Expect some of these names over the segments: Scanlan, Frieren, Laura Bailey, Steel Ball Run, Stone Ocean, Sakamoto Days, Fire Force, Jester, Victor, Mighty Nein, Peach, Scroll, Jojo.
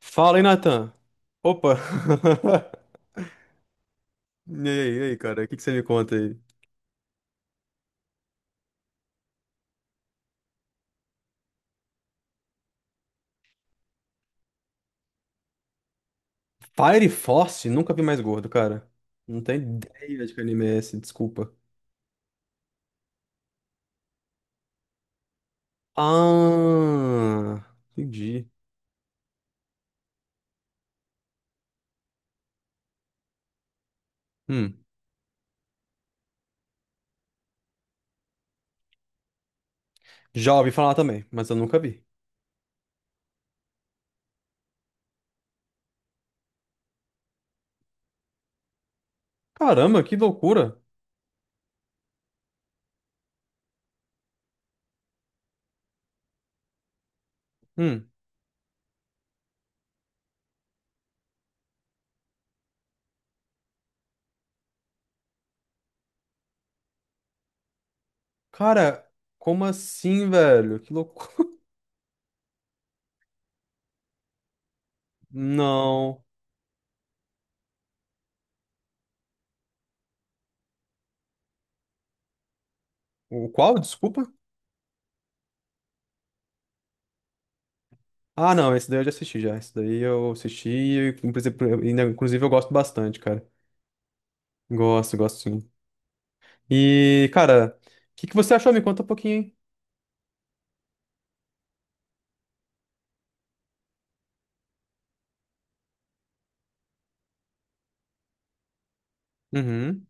Fala aí, Nathan. Opa! E aí, cara? O que que você me conta aí? Fire Force? Nunca vi mais gordo, cara. Não tem ideia de que anime é esse, desculpa. Ah, entendi. Hum, Já ouvi falar também, mas eu nunca vi. Caramba, que loucura! Hum, Cara, como assim, velho? Que loucura! Não. O qual? Desculpa? Ah, não, esse daí eu já assisti já. Esse daí eu assisti e, inclusive, inclusive, eu gosto bastante, cara. Gosto, gosto sim. E, cara, o que que você achou? Me conta um pouquinho, hein? Uhum.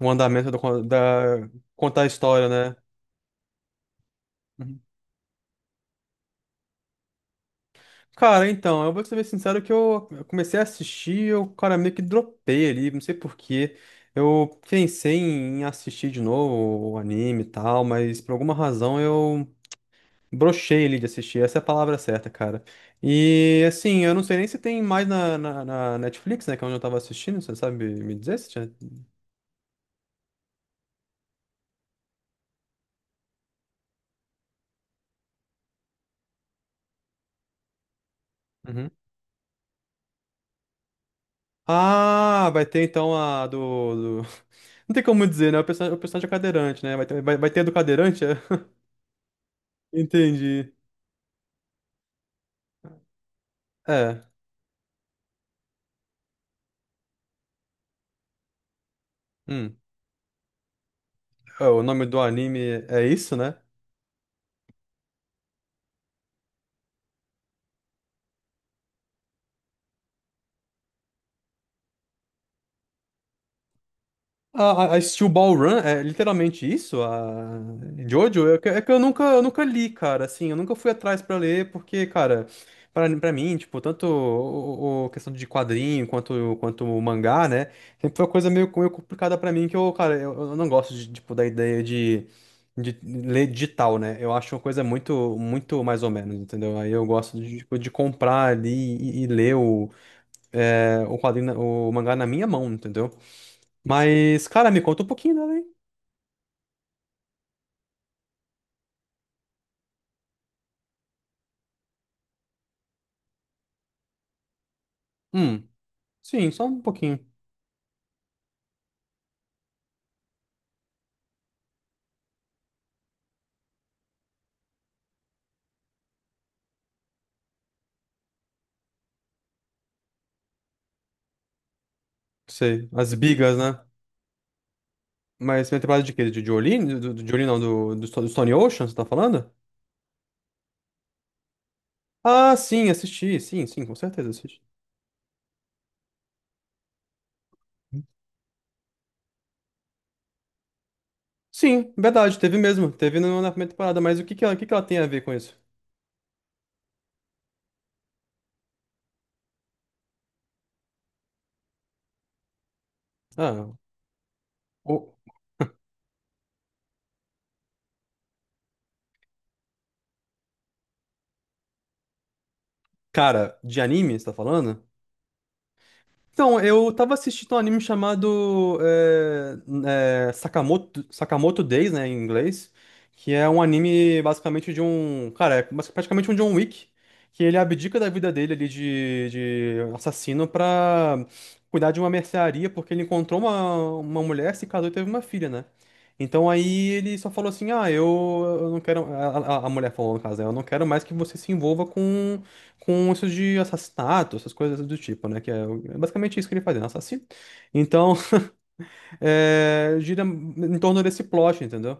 O andamento da contar a história, né? Uhum. Cara, então, eu vou ser bem sincero que eu comecei a assistir. Eu, cara, meio que dropei ali, não sei por quê. Eu pensei em assistir de novo o anime e tal, mas por alguma razão eu brochei ali de assistir, essa é a palavra certa, cara. E, assim, eu não sei nem se tem mais na Netflix, né, que é onde eu tava assistindo. Você sabe me dizer se tinha? Uhum. Ah, vai ter então a do Não tem como dizer, né? O personagem é cadeirante, né? Vai ter a do cadeirante? É? Entendi. É. Hum. É, o nome do anime é isso, né? A Steel Ball Run é literalmente isso? A Jojo? É que eu nunca li, cara, assim, eu nunca fui atrás pra ler. Porque, cara, pra mim, tipo, tanto o questão de quadrinho quanto o mangá, né, sempre foi uma coisa meio complicada pra mim, que eu, cara, eu não gosto, de, tipo, da ideia de, ler digital, né. Eu acho uma coisa muito, muito mais ou menos, entendeu? Aí eu gosto de, tipo, de comprar ali e ler o quadrinho, o mangá na minha mão, entendeu? Mas, cara, me conta um pouquinho dela, hein? Hum, sim, só um pouquinho. Sei, as bigas, né? Mas você tem temporada de quê? De Jolene? Do Jolene, não, do Stone Ocean, você tá falando? Ah, sim, assisti, sim, sim, com certeza assisti. Sim, verdade, teve mesmo, teve no- na primeira temporada, mas o que que ela tem a ver com isso? Ah, o, cara, de anime, você tá falando? Então, eu tava assistindo um anime chamado Sakamoto, Days, né, em inglês, que é um anime basicamente de um. Cara, praticamente um John Wick, que ele abdica da vida dele ali de assassino pra cuidar de uma mercearia, porque ele encontrou uma mulher, se casou e teve uma filha, né? Então aí ele só falou assim, ah, eu, não quero. A, a mulher falou no caso, né, eu não quero mais que você se envolva com isso de assassinato, essas coisas do tipo, né? Que é, é basicamente isso que ele faz, né? Um assassino. Então, gira em torno desse plot, entendeu?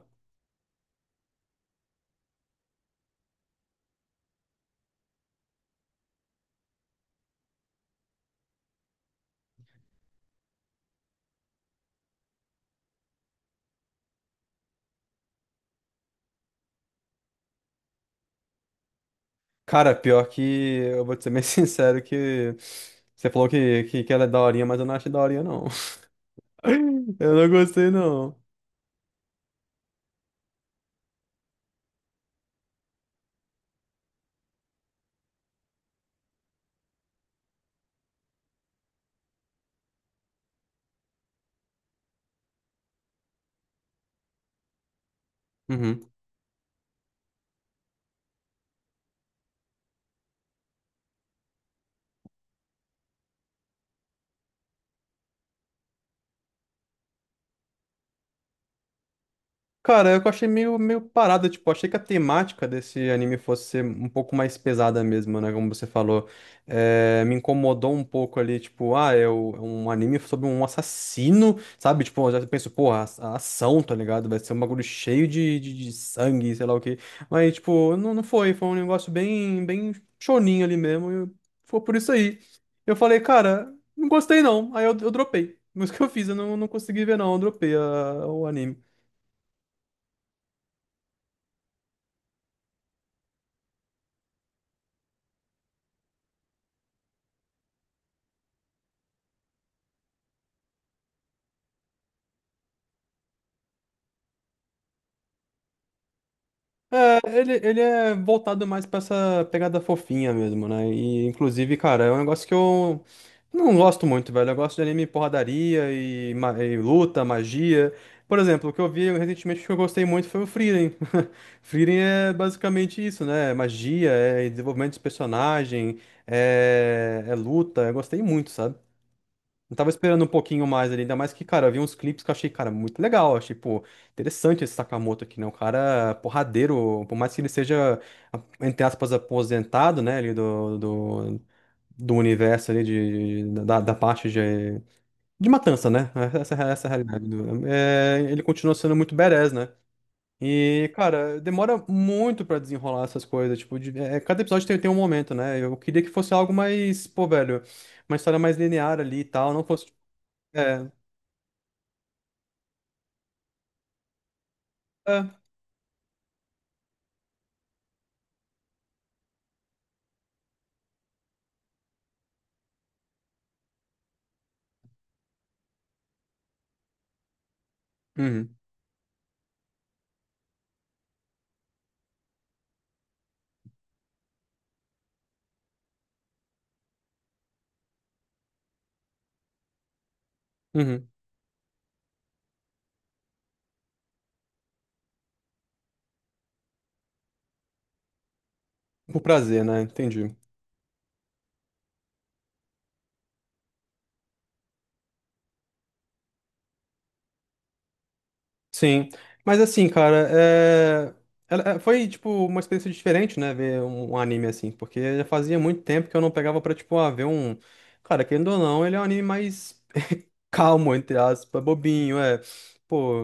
Cara, pior que eu vou te ser bem sincero que você falou que ela é daorinha, mas eu não achei daorinha, não. Eu não gostei, não. Uhum. Cara, eu achei meio parada, tipo, achei que a temática desse anime fosse ser um pouco mais pesada mesmo, né, como você falou. Me incomodou um pouco ali, tipo, ah, é um anime sobre um assassino, sabe? Tipo, eu já penso, porra, a ação, tá ligado? Vai ser um bagulho cheio de sangue, sei lá o quê. Mas, tipo, não, não foi, um negócio bem, choninho ali mesmo, e foi por isso aí. Eu falei, cara, não gostei não, aí eu, dropei. Mas o que eu fiz, eu não, não consegui ver não, eu dropei o anime. É, ele é voltado mais pra essa pegada fofinha mesmo, né? E, inclusive, cara, é um negócio que eu não gosto muito, velho. Eu gosto de anime porradaria e, e luta, magia. Por exemplo, o que eu vi recentemente que eu gostei muito foi o Frieren. Frieren é basicamente isso, né? É magia, é desenvolvimento de personagem, é luta. Eu gostei muito, sabe? Eu tava esperando um pouquinho mais ali, ainda mais que, cara, eu vi uns clipes que eu achei, cara, muito legal. Achei, pô, interessante esse Sakamoto aqui, né? Um cara porradeiro, por mais que ele seja, entre aspas, aposentado, né, ali do universo ali, da parte de matança, né? Essa é a realidade. Ele continua sendo muito badass, né? E, cara, demora muito pra desenrolar essas coisas. Tipo, cada episódio tem um momento, né? Eu queria que fosse algo mais, pô, velho, uma história mais linear ali e tal. Não fosse. É. É. Uhum, uhum. Por prazer, né? Entendi. Sim. Mas assim, cara, foi, tipo, uma experiência diferente, né? Ver um anime assim. Porque já fazia muito tempo que eu não pegava pra, tipo, ah, ver um. Cara, querendo ou não, ele é um anime mais calmo, entre aspas, bobinho, é. Pô,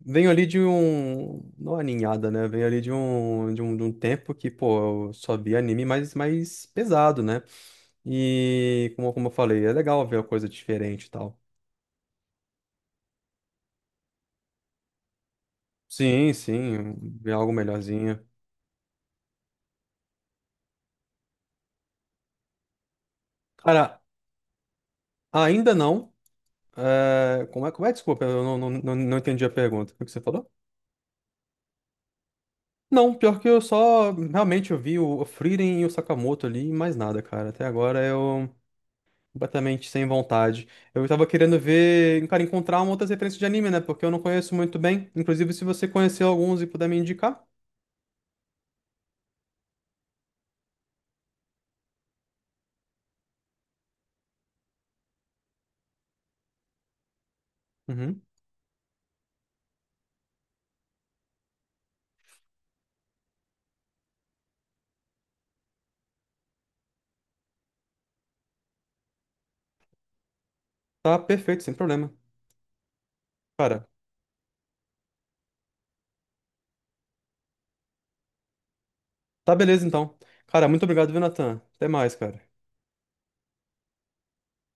venho ali de um. Não aninhada, né? Venho ali de um tempo que, pô, eu só via anime mais pesado, né? E, como eu falei, é legal ver uma coisa diferente e tal. Sim, sim, ver algo melhorzinho. Cara, ainda não. É, como é? Desculpa, eu não, não, não, não entendi a pergunta. O que você falou? Não, pior que eu só realmente eu vi o Frieren e o Sakamoto ali e mais nada, cara. Até agora eu completamente sem vontade. Eu tava querendo ver, cara, encontrar uma outras referências de anime, né? Porque eu não conheço muito bem. Inclusive, se você conhecer alguns e puder me indicar, uhum, tá perfeito, sem problema. Cara, tá beleza então. Cara, muito obrigado, viu, Natan? Até mais, cara.